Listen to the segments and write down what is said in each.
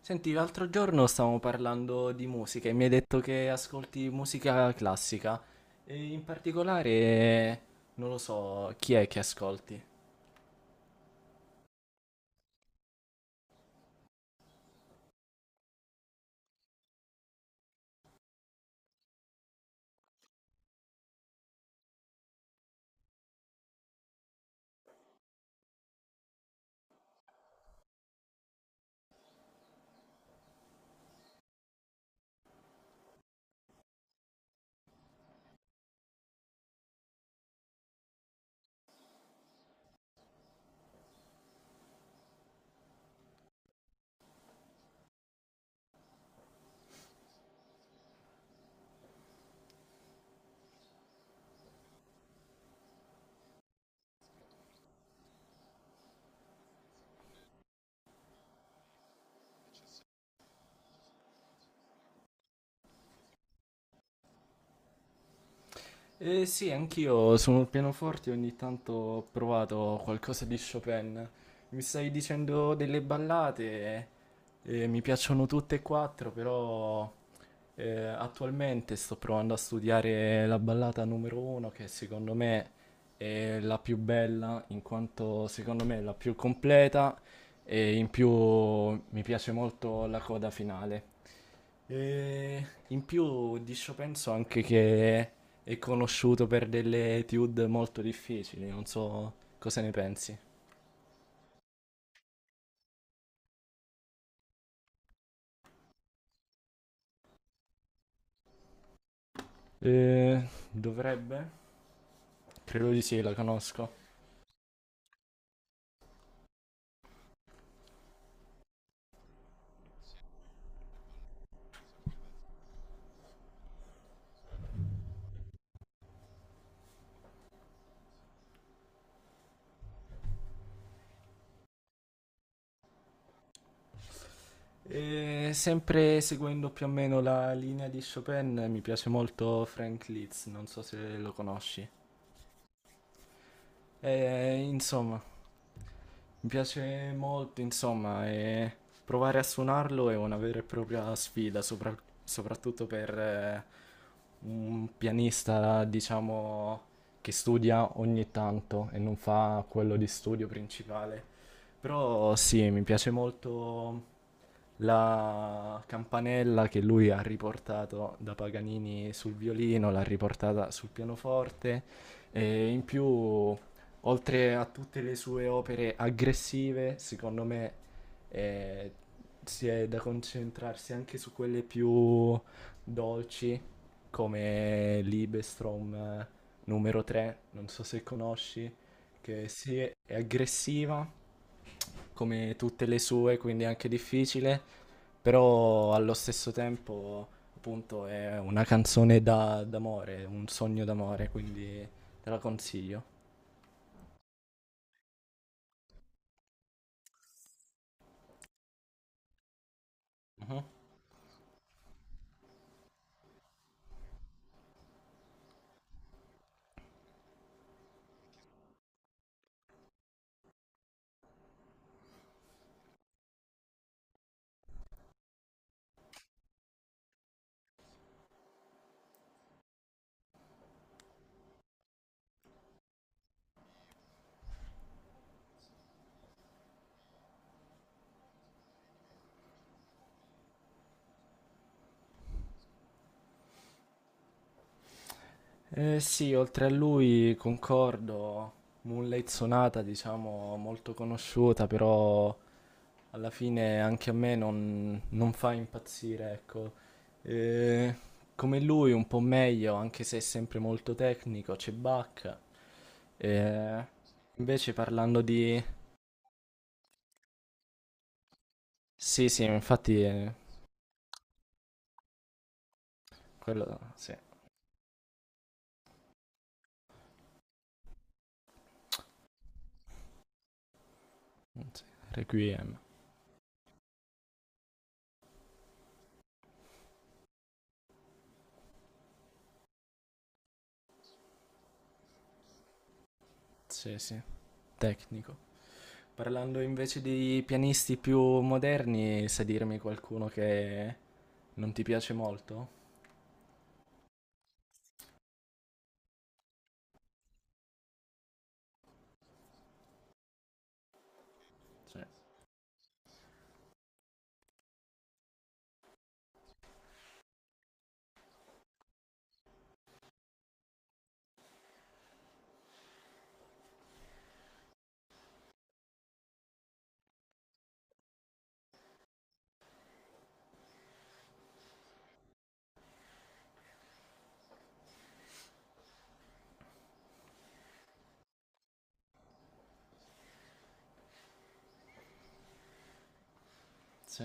Senti, l'altro giorno stavamo parlando di musica e mi hai detto che ascolti musica classica. E in particolare, non lo so, chi è che ascolti? Sì, anch'io sul pianoforte ogni tanto ho provato qualcosa di Chopin. Mi stai dicendo delle ballate, mi piacciono tutte e quattro, però attualmente sto provando a studiare la ballata numero uno, che secondo me è la più bella, in quanto secondo me è la più completa e in più mi piace molto la coda finale. E in più di Chopin so anche che è conosciuto per delle etude molto difficili, non so cosa ne pensi. Dovrebbe? Credo di sì, la conosco. E sempre seguendo più o meno la linea di Chopin mi piace molto Frank Liszt, non so se lo conosci. E, insomma, mi piace molto, insomma, e provare a suonarlo è una vera e propria sfida, soprattutto per un pianista, diciamo, che studia ogni tanto e non fa quello di studio principale. Però sì, mi piace molto la campanella che lui ha riportato da Paganini sul violino, l'ha riportata sul pianoforte e in più, oltre a tutte le sue opere aggressive, secondo me eh, si è da concentrarsi anche su quelle più dolci, come Libestrom numero 3, non so se conosci, che sì, è aggressiva come tutte le sue, quindi è anche difficile, però allo stesso tempo appunto è una d'amore, un sogno d'amore, quindi te la consiglio. Mhm. Eh sì, oltre a lui concordo, Moonlight Sonata diciamo molto conosciuta, però alla fine anche a me non fa impazzire, ecco. Eh, come lui un po' meglio, anche se è sempre molto tecnico, c'è Bach. Eh, invece parlando di... Sì, sì, infatti quello... Sì. Sì, Requiem. Sì, sì, tecnico. Parlando invece di pianisti più moderni, sai dirmi qualcuno che non ti piace molto? Sì. Sì.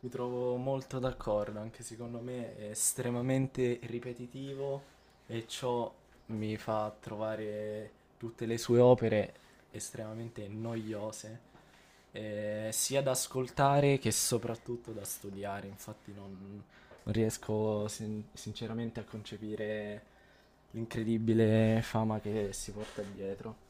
Mi trovo molto d'accordo, anche secondo me è estremamente ripetitivo e ciò mi fa trovare tutte le sue opere estremamente noiose, sia da ascoltare che soprattutto da studiare. Infatti non riesco sinceramente a concepire l'incredibile fama che si porta dietro.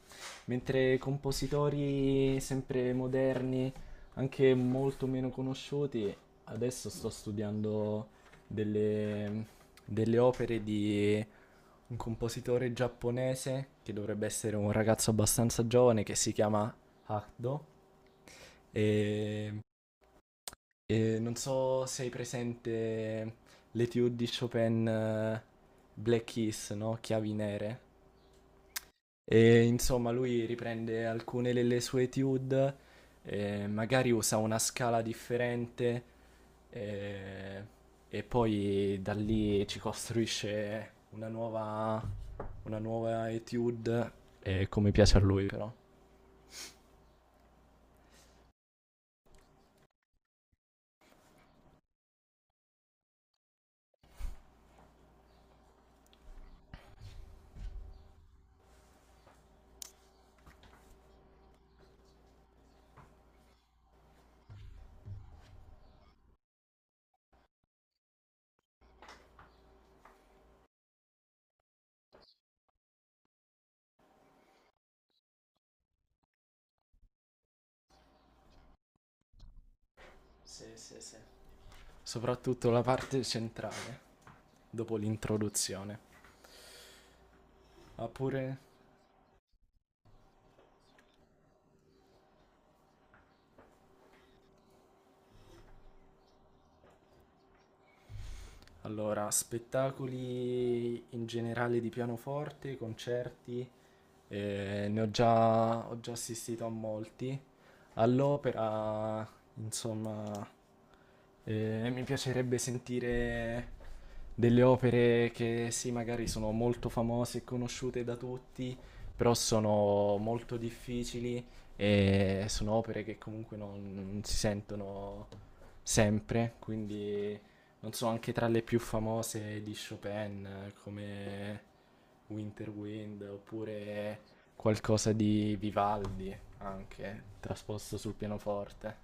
Mentre compositori sempre moderni, anche molto meno conosciuti, adesso sto studiando delle, delle opere di un compositore giapponese che dovrebbe essere un ragazzo abbastanza giovane che si chiama Hakdo. E e non so se hai presente l'Étude di Chopin, Black Keys, no? Chiavi nere. E insomma, lui riprende alcune delle sue étude, magari usa una scala differente, eh, e poi da lì ci costruisce una una nuova étude, come piace a lui però. Sì, sì, sì. Soprattutto la parte centrale, dopo l'introduzione. Oppure, allora, spettacoli in generale di pianoforte, concerti, ne ho già assistito a molti. All'opera, insomma, mi piacerebbe sentire delle opere che sì, magari sono molto famose e conosciute da tutti, però sono molto difficili e sono opere che comunque non si sentono sempre, quindi non so, anche tra le più famose di Chopin, come Winter Wind, oppure qualcosa di Vivaldi, anche, trasposto sul pianoforte.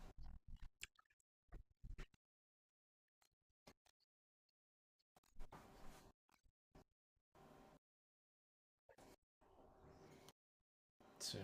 Sì,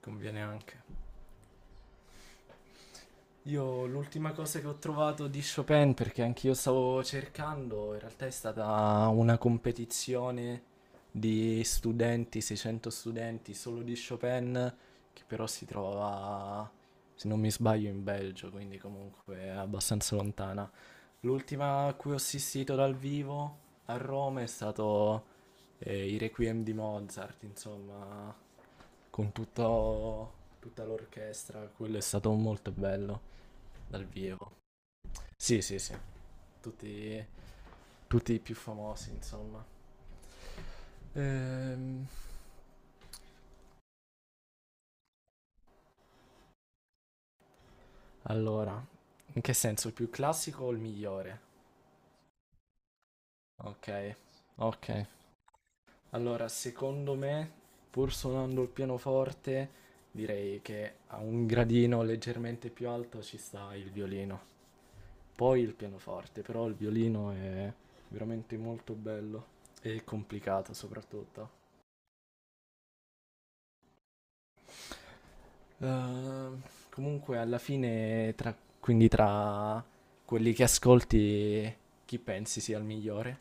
conviene anche. Io l'ultima cosa che ho trovato di Chopin, perché anch'io stavo cercando, in realtà è stata una competizione di studenti, 600 studenti solo di Chopin, che però si trovava, se non mi sbaglio, in Belgio, quindi comunque abbastanza lontana. L'ultima a cui ho assistito dal vivo a Roma è stato i Requiem di Mozart, insomma, con tutta l'orchestra, quello è stato molto bello dal vivo. Sì, sì, sì, tutti, tutti i più famosi, insomma. Ehm, allora, in che senso, il più classico o il migliore? Ok, ok. Allora, secondo me, pur suonando il pianoforte, direi che a un gradino leggermente più alto ci sta il violino. Poi il pianoforte, però il violino è veramente molto bello e complicato soprattutto. Ehm, comunque alla fine, quindi tra quelli che ascolti, chi pensi sia il migliore?